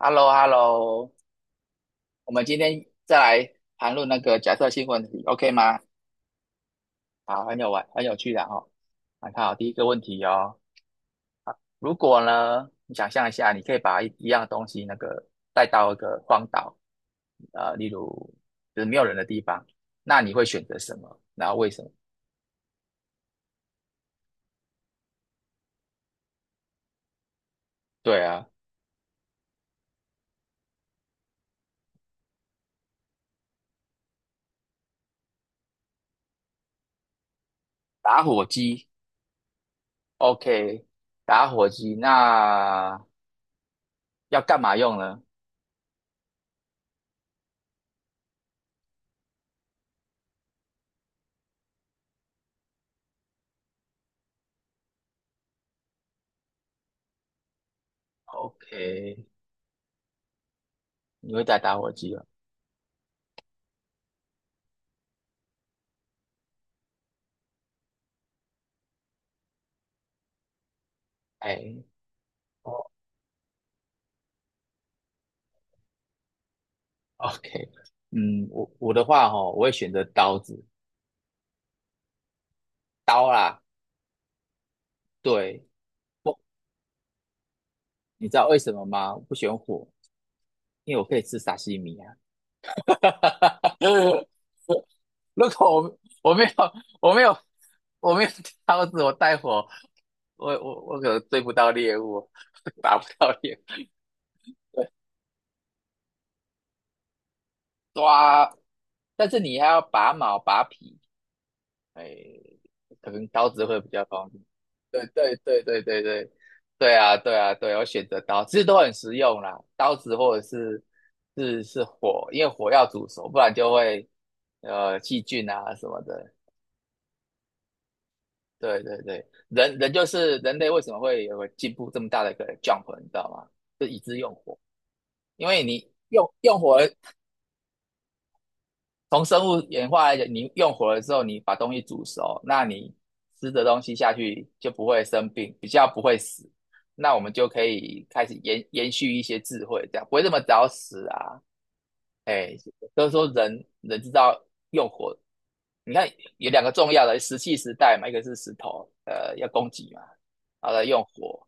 h e l l o h e l l o 我们今天再来谈论那个假设性问题，OK 吗？好，很有玩，很有趣的哈、哦来看好第一个问题哦，如果呢，你想象一下，你可以把一样东西那个带到一个荒岛，例如就是没有人的地方，那你会选择什么？然后为什么？对啊，打火机，OK，打火机，那要干嘛用呢？OK，你会带打火机哦？哎。OK，我的话哈、我会选择刀子，刀啦，对，不，你知道为什么吗？我不喜欢火，因为我可以吃沙西米啊。如果我没有我没有刀子，我带火，我可能追不到猎物，打不到猎物，抓。但是你还要拔毛拔皮，哎，可能刀子会比较方便。对对对对对对，对啊对啊对，我选择刀，其实都很实用啦，刀子或者是是火，因为火要煮熟，不然就会细菌啊什么的。对对对，人就是人类为什么会有个进步这么大的一个 jump，你知道吗？就以致用火，因为你用火从生物演化来讲，你用火了之后，你把东西煮熟，那你吃的东西下去就不会生病，比较不会死。那我们就可以开始延续一些智慧，这样不会这么早死啊。哎，都是说人人知道用火，你看有两个重要的石器时代嘛，一个是石头，要供给嘛，然后再用火。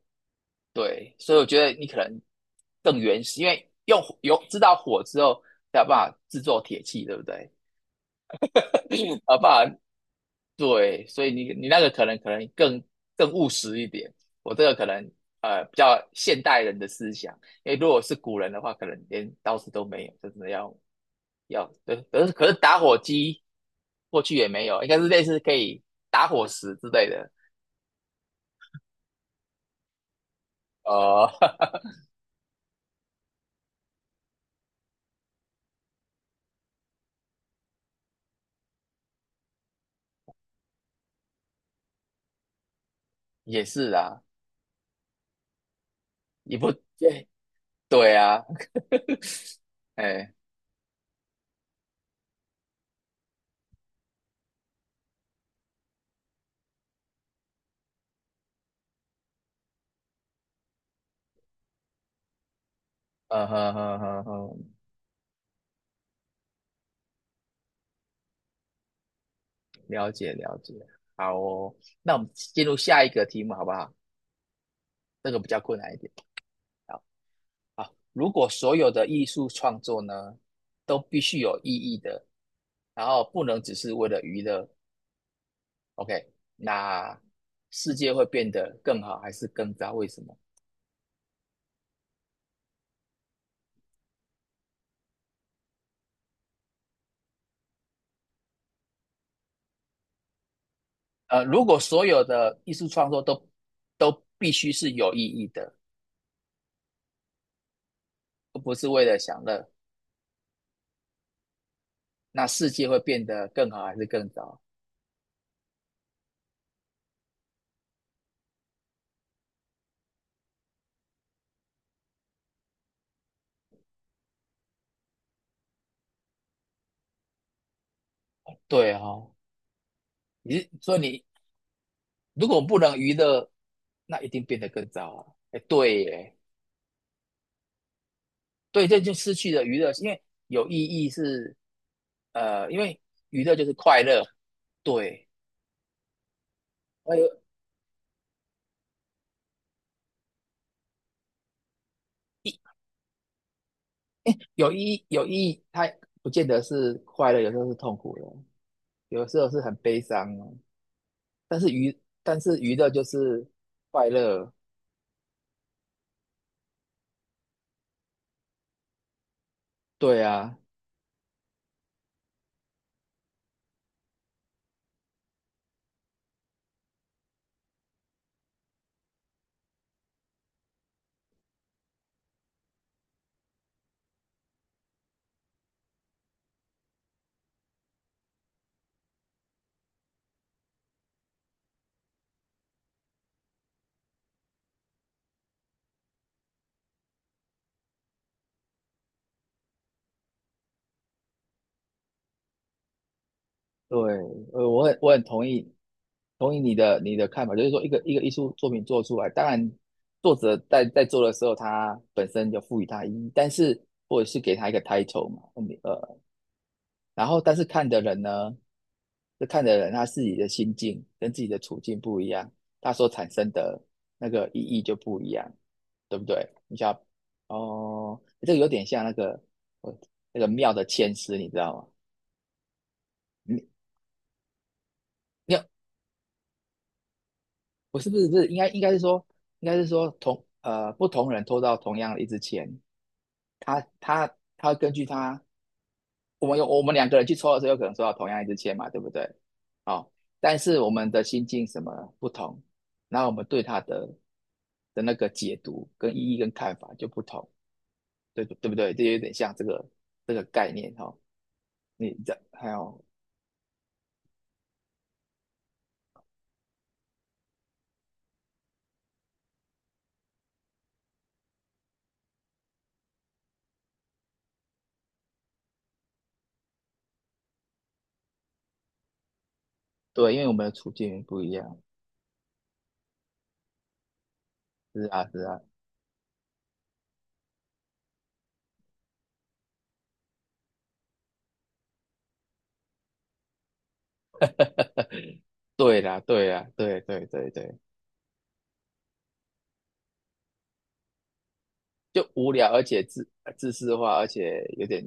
对，所以我觉得你可能更原始，因为用火有知道火之后，才有办法制作铁器，对不对？好不好？对，所以你那个可能更务实一点，我这个可能比较现代人的思想，因为如果是古人的话，可能连刀子都没有，真的要，对，可是打火机过去也没有，应该是类似可以打火石之类的，呃，也是啊，也不对，对啊，哎，嗯哼哼哼哼，了解了解，好哦，那我们进入下一个题目好不好？这个比较困难一点。如果所有的艺术创作呢，都必须有意义的，然后不能只是为了娱乐，OK，那世界会变得更好还是更糟？为什么？如果所有的艺术创作都必须是有意义的，而不是为了享乐，那世界会变得更好还是更糟？对哦，你说你如果不能娱乐，那一定变得更糟啊！哎，对耶。对，这就失去了娱乐，因为有意义是，因为娱乐就是快乐，对，而意有意义，它不见得是快乐，有时候是痛苦的，有时候是很悲伤的，但是娱但是娱乐就是快乐，对啊，对，我很同意你的看法，就是说一个一个艺术作品做出来，当然作者在做的时候，他本身就赋予它意义，但是或者是给他一个 title 嘛，呃。然后但是看的人呢，就看的人他自己的心境跟自己的处境不一样，他所产生的那个意义就不一样，对不对？你想，哦，这个有点像那个我那个庙的签诗，你知道吗？你你不是不是不是，应该是说不同人抽到同样的一支签，他根据他，我们两个人去抽的时候，有可能抽到同样一支签嘛，对不对？好、但是我们的心境什么不同，然后我们对他的那个解读跟意义跟看法就不同，对对不对？这有点像这个概念哦。你这还有对，因为我们的处境不一样，是啊是啊，对啦对啦，对对对对，就无聊而且自私化，而且有点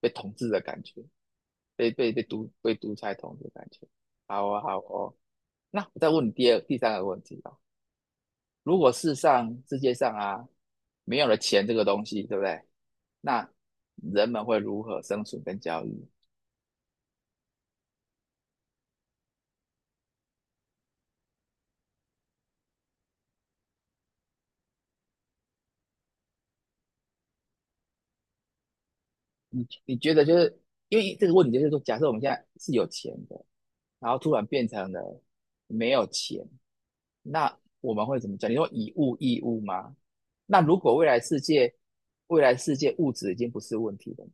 被统治的感觉。被独裁统治的感觉。好哦，好哦。那我再问你第二、第三个问题哦。如果世界上啊，没有了钱这个东西，对不对？那人们会如何生存跟交易？你觉得就是因为这个问题，就是说，假设我们现在是有钱的，然后突然变成了没有钱，那我们会怎么讲？你说以物易物吗？那如果未来世界物质已经不是问题了。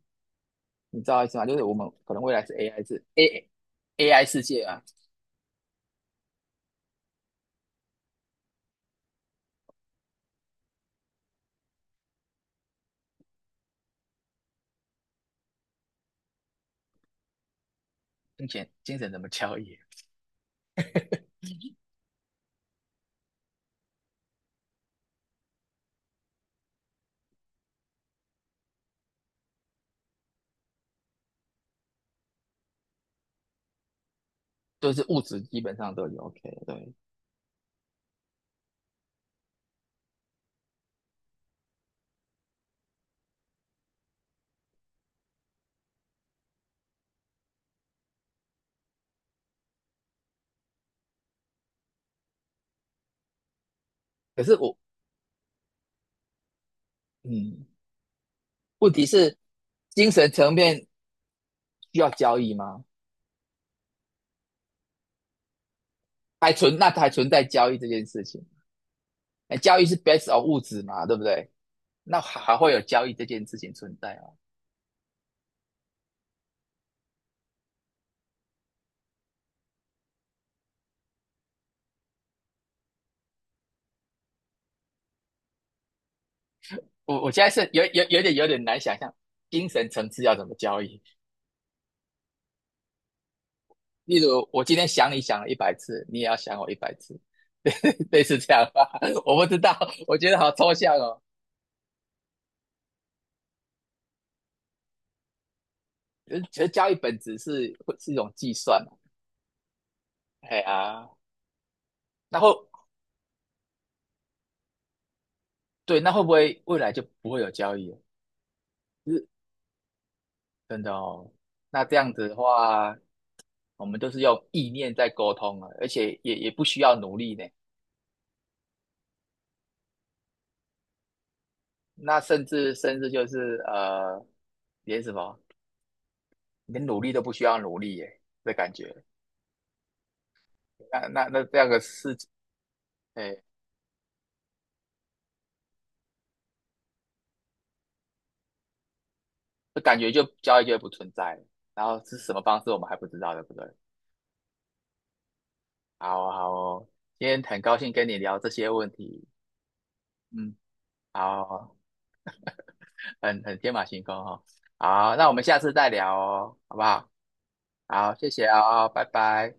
你知道意思吗？就是我们可能未来是 AI 世界啊，金钱精神怎么交易，都是物质基本上都有 OK 对。可是我嗯，问题是精神层面需要交易吗？那还存在交易这件事情？哎，交易是 based on 物质嘛，对不对？那还会有交易这件事情存在啊？我现在是有点难想象精神层次要怎么交易。例如我今天想你想了一百次，你也要想我一百次，类似这样吧？我不知道，我觉得好抽象哦。其实觉得交易本质是一种计算嘛？哎呀，那会对，那会不会未来就不会有交易了？就是真的哦。那这样子的话，我们都是用意念在沟通了，而且也不需要努力呢。那甚至就是连什么连努力都不需要努力耶，这感觉。那这样的事情，哎、就感觉就交易就会不存在了然后是什么方式我们还不知道，对不对？好哦好哦，今天很高兴跟你聊这些问题，嗯，好哦，很天马行空哦。好，那我们下次再聊哦，好不好？好，谢谢哦，拜拜。